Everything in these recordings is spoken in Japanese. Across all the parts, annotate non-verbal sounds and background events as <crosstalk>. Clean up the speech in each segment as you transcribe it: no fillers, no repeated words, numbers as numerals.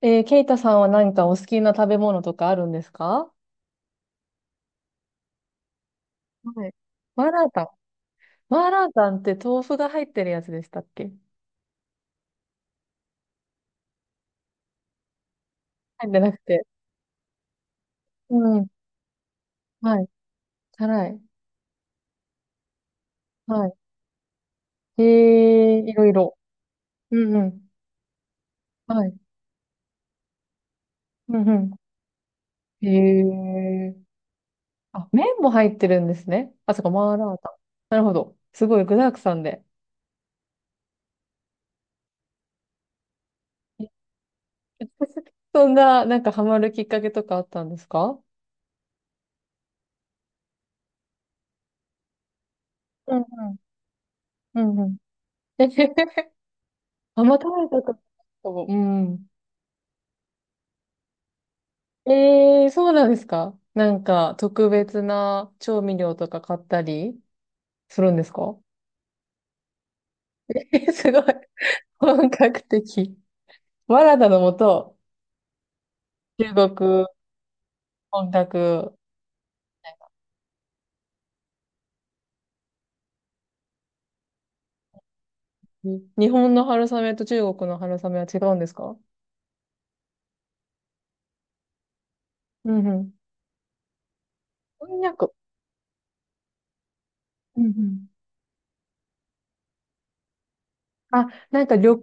ケイタさんは何かお好きな食べ物とかあるんですか？はい。マーラータン。マーラータンって豆腐が入ってるやつでしたっけ？入ってなくて。うん。はい。辛い。はい。いろいろ。うんうん。はい。うんうん。あ、麺も入ってるんですね。あ、そっか、マーラータン。なるほど。すごい具沢山で。え <laughs> そんな、なんかハマるきっかけとかあったんですか？うんうん。うんうん。<laughs> あんま食べたことないかも。うん。ええ、そうなんですか？なんか、特別な調味料とか買ったりするんですか？え、すごい。本格的。マラダのもと、中国、本格。日本の春雨と中国の春雨は違うんですか？うんうん。こんにゃく。うんうん。あ、なんか緑、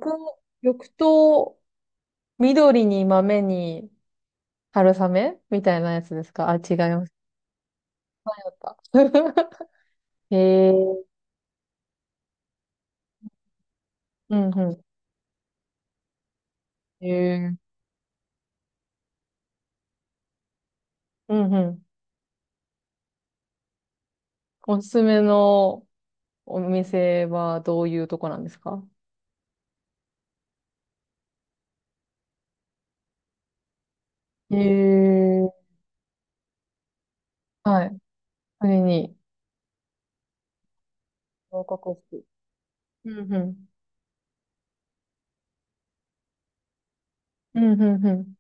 緑と緑に豆に春雨みたいなやつですか？あ、違いました。<laughs> へえ。うんうん。へえ。うんうん。おすすめのお店はどういうとこなんですか？へえ。はい。それに。報告。うんうんうんうんうん。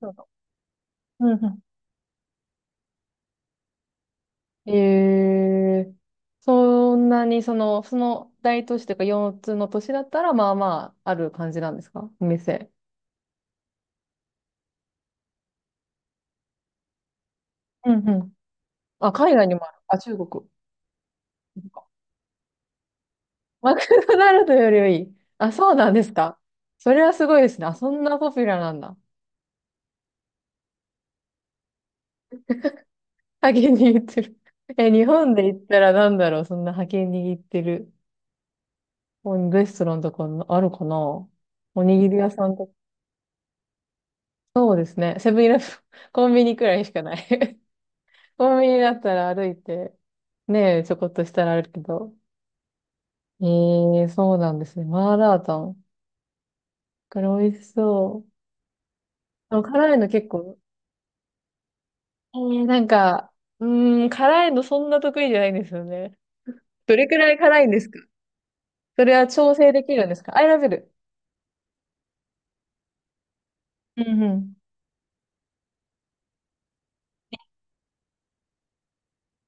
そうだ。うんうん。ええ、そんなに、その大都市というか4つの都市だったら、まあまあ、ある感じなんですか？お店。うんうん。あ、海外にもある。あ、中国。そっか。マクドナルドよりはいい。あ、そうなんですか。それはすごいですね。あ、そんなポピュラーなんだ。派遣握ってる。え、日本で言ったらなんだろう、そんな派遣握ってる。レストランとかあるかな。おにぎり屋さんとか。そうですね。セブンイレブン、<laughs> コンビニくらいしかない。<laughs> コンビニだったら歩いて、ねえ、ちょこっとしたらあるけど。ええ、そうなんですね。マーラータン。これ美味しそう。でも辛いの結構、ええなんか、うーん、辛いのそんな得意じゃないんですよね。どれくらい辛いんですか？それは調整できるんですか？アイラベル。うんうん。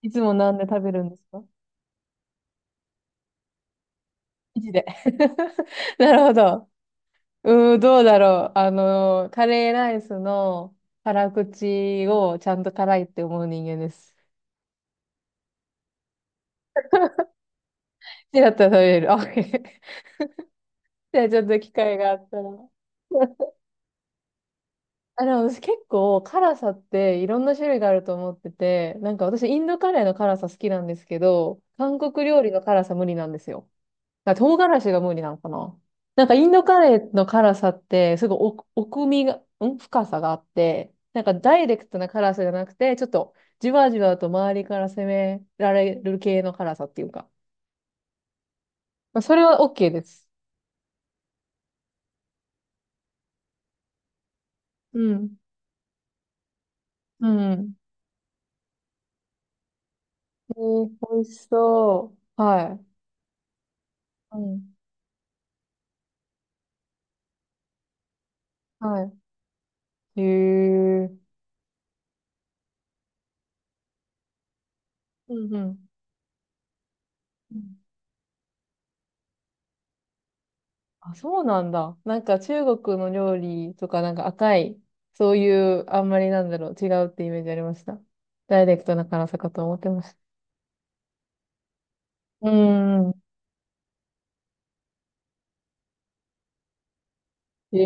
いつもなんで食べるんですか？い地で。<laughs> なるほど。うーん、どうだろう。あの、カレーライスの辛口をちゃんと辛いって思う人間です。生だったら食べれる。OK。 じゃあちょっと機会があったら。あ、でも私結構辛さっていろんな種類があると思ってて、なんか私インドカレーの辛さ好きなんですけど、韓国料理の辛さ無理なんですよ。だから唐辛子が無理なのかな。なんかインドカレーの辛さって、すごい奥、奥みが、ん深さがあって、なんかダイレクトな辛さじゃなくて、ちょっとじわじわと周りから攻められる系の辛さっていうか。まあ、それは OK です。うん。うん。えー、美味しそう。はい。うん。はい。へえ。うんうん。あ、そうなんだ。なんか中国の料理とかなんか赤い、そういう、あんまりなんだろう、違うってイメージありました。ダイレクトな辛さかと思ってました。うーん。ええ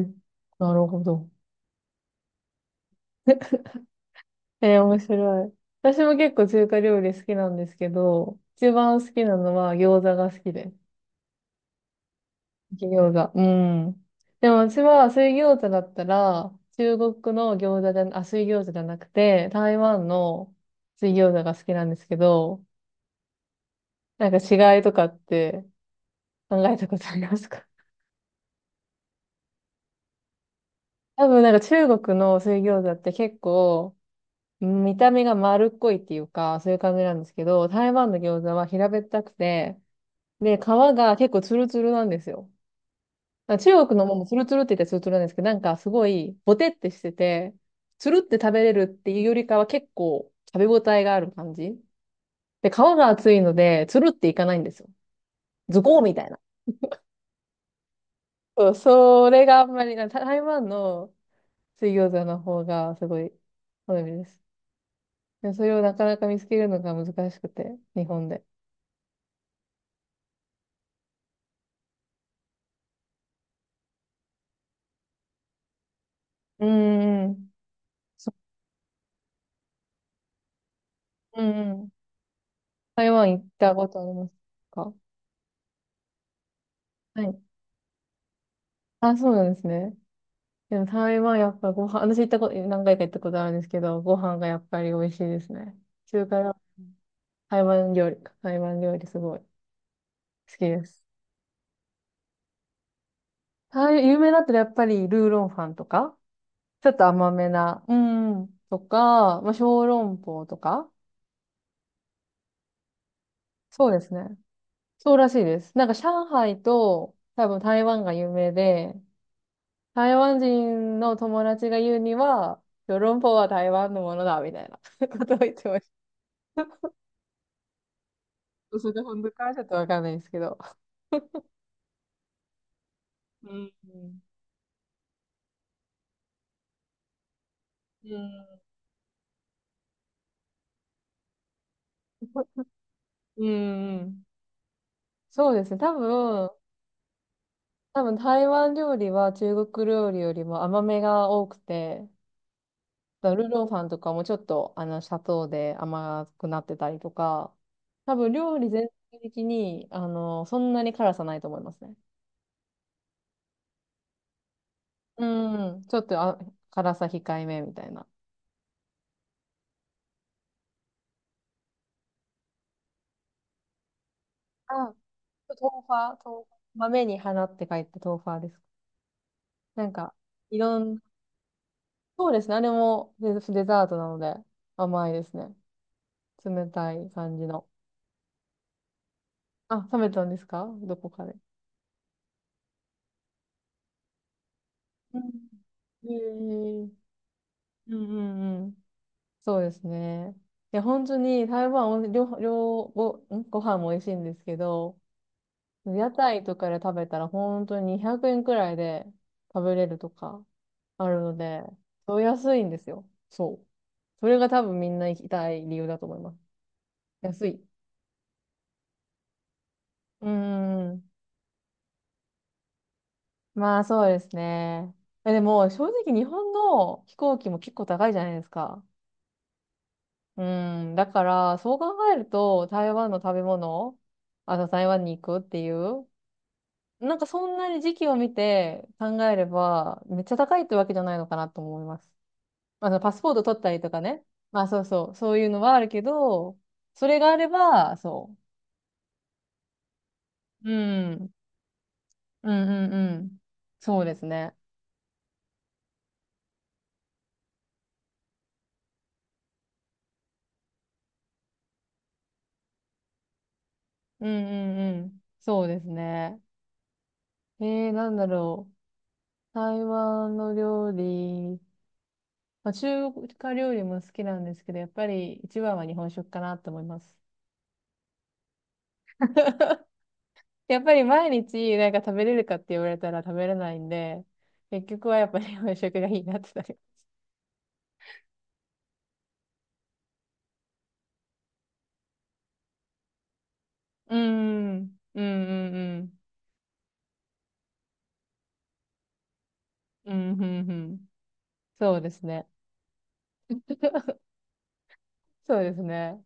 ー、なるほど。<laughs> 面白い。私も結構中華料理好きなんですけど、一番好きなのは餃子が好きです。焼き餃子。うん。でも私は水餃子だったら、中国の餃子じゃ、あ、水餃子じゃなくて、台湾の水餃子が好きなんですけど、なんか違いとかって考えたことありますか？ <laughs> 多分なんか中国の水餃子って結構うん見た目が丸っこいっていうか、そういう感じなんですけど、台湾の餃子は平べったくて、で、皮が結構ツルツルなんですよ。なんか中国のももツルツルって言ったらツルツルなんですけど、なんかすごいボテってしてて、ツルって食べれるっていうよりかは結構食べ応えがある感じ。で、皮が厚いので、ツルっていかないんですよ。ズコーみたいな。そう、それがあんまりな、台湾の水餃子の方がすごい好みです。でもそれをなかなか見つけるのが難しくて、日本で。うんうん。そうんうん。台湾行ったことありますか？はい。あ、そうなんですね。でも台湾やっぱご飯、私行ったこと、何回か行ったことあるんですけど、ご飯がやっぱり美味しいですね。中華料台湾料理か、台湾料理すごい好きです。有名だったらやっぱりルーロンファンとか、ちょっと甘めな、うんうん、とか、まあ、小籠包とか、そうですね。そうらしいです。なんか上海と多分台湾が有名で、台湾人の友達が言うには、ヨーロンポは台湾のものだ、みたいな <laughs> ことを言ってました。それで本当かちょっとわかんないですけど。うん。うん。うんうん。そうですね。多分台湾料理は中国料理よりも甘めが多くて、だからルーローさんとかもちょっとあの砂糖で甘くなってたりとか、多分料理全体的にあのそんなに辛さないと思いますね。うん、ちょっと辛さ控えめみたいな。あ、豆花、豆花。豆に花って書いて豆花です。なんか、いろん、そうですね。あれもデザートなので甘いですね。冷たい感じの。あ、食べたんですか？どこかで？うん。えー、うんうんうん。そうですね。いや、本当に台湾は、両、両、ご、んご飯も美味しいんですけど、屋台とかで食べたら本当に200円くえんくらいで食べれるとかあるので、そう安いんですよ。そう。それが多分みんな行きたい理由だと思います。安い。うーん。まあそうですね。え、でも正直日本の飛行機も結構高いじゃないですか。うーん。だからそう考えると台湾の食べ物、あと台湾に行くっていうなんかそんなに時期を見て考えれば、めっちゃ高いってわけじゃないのかなと思います。まあ、のパスポート取ったりとかね。まあそうそう、そういうのはあるけど、それがあれば、そう。うん。うんうんうん。そうですね。うんうんうん。そうですね。えなんだろう。台湾の料理、まあ、中華料理も好きなんですけど、やっぱり一番は日本食かなと思います。やっぱり毎日なんか食べれるかって言われたら食べれないんで、結局はやっぱり <laughs> 洋食がいいなってなる。うーん、うん、うん、うん、うん、うん、うん。そうですね。<laughs> そうですね。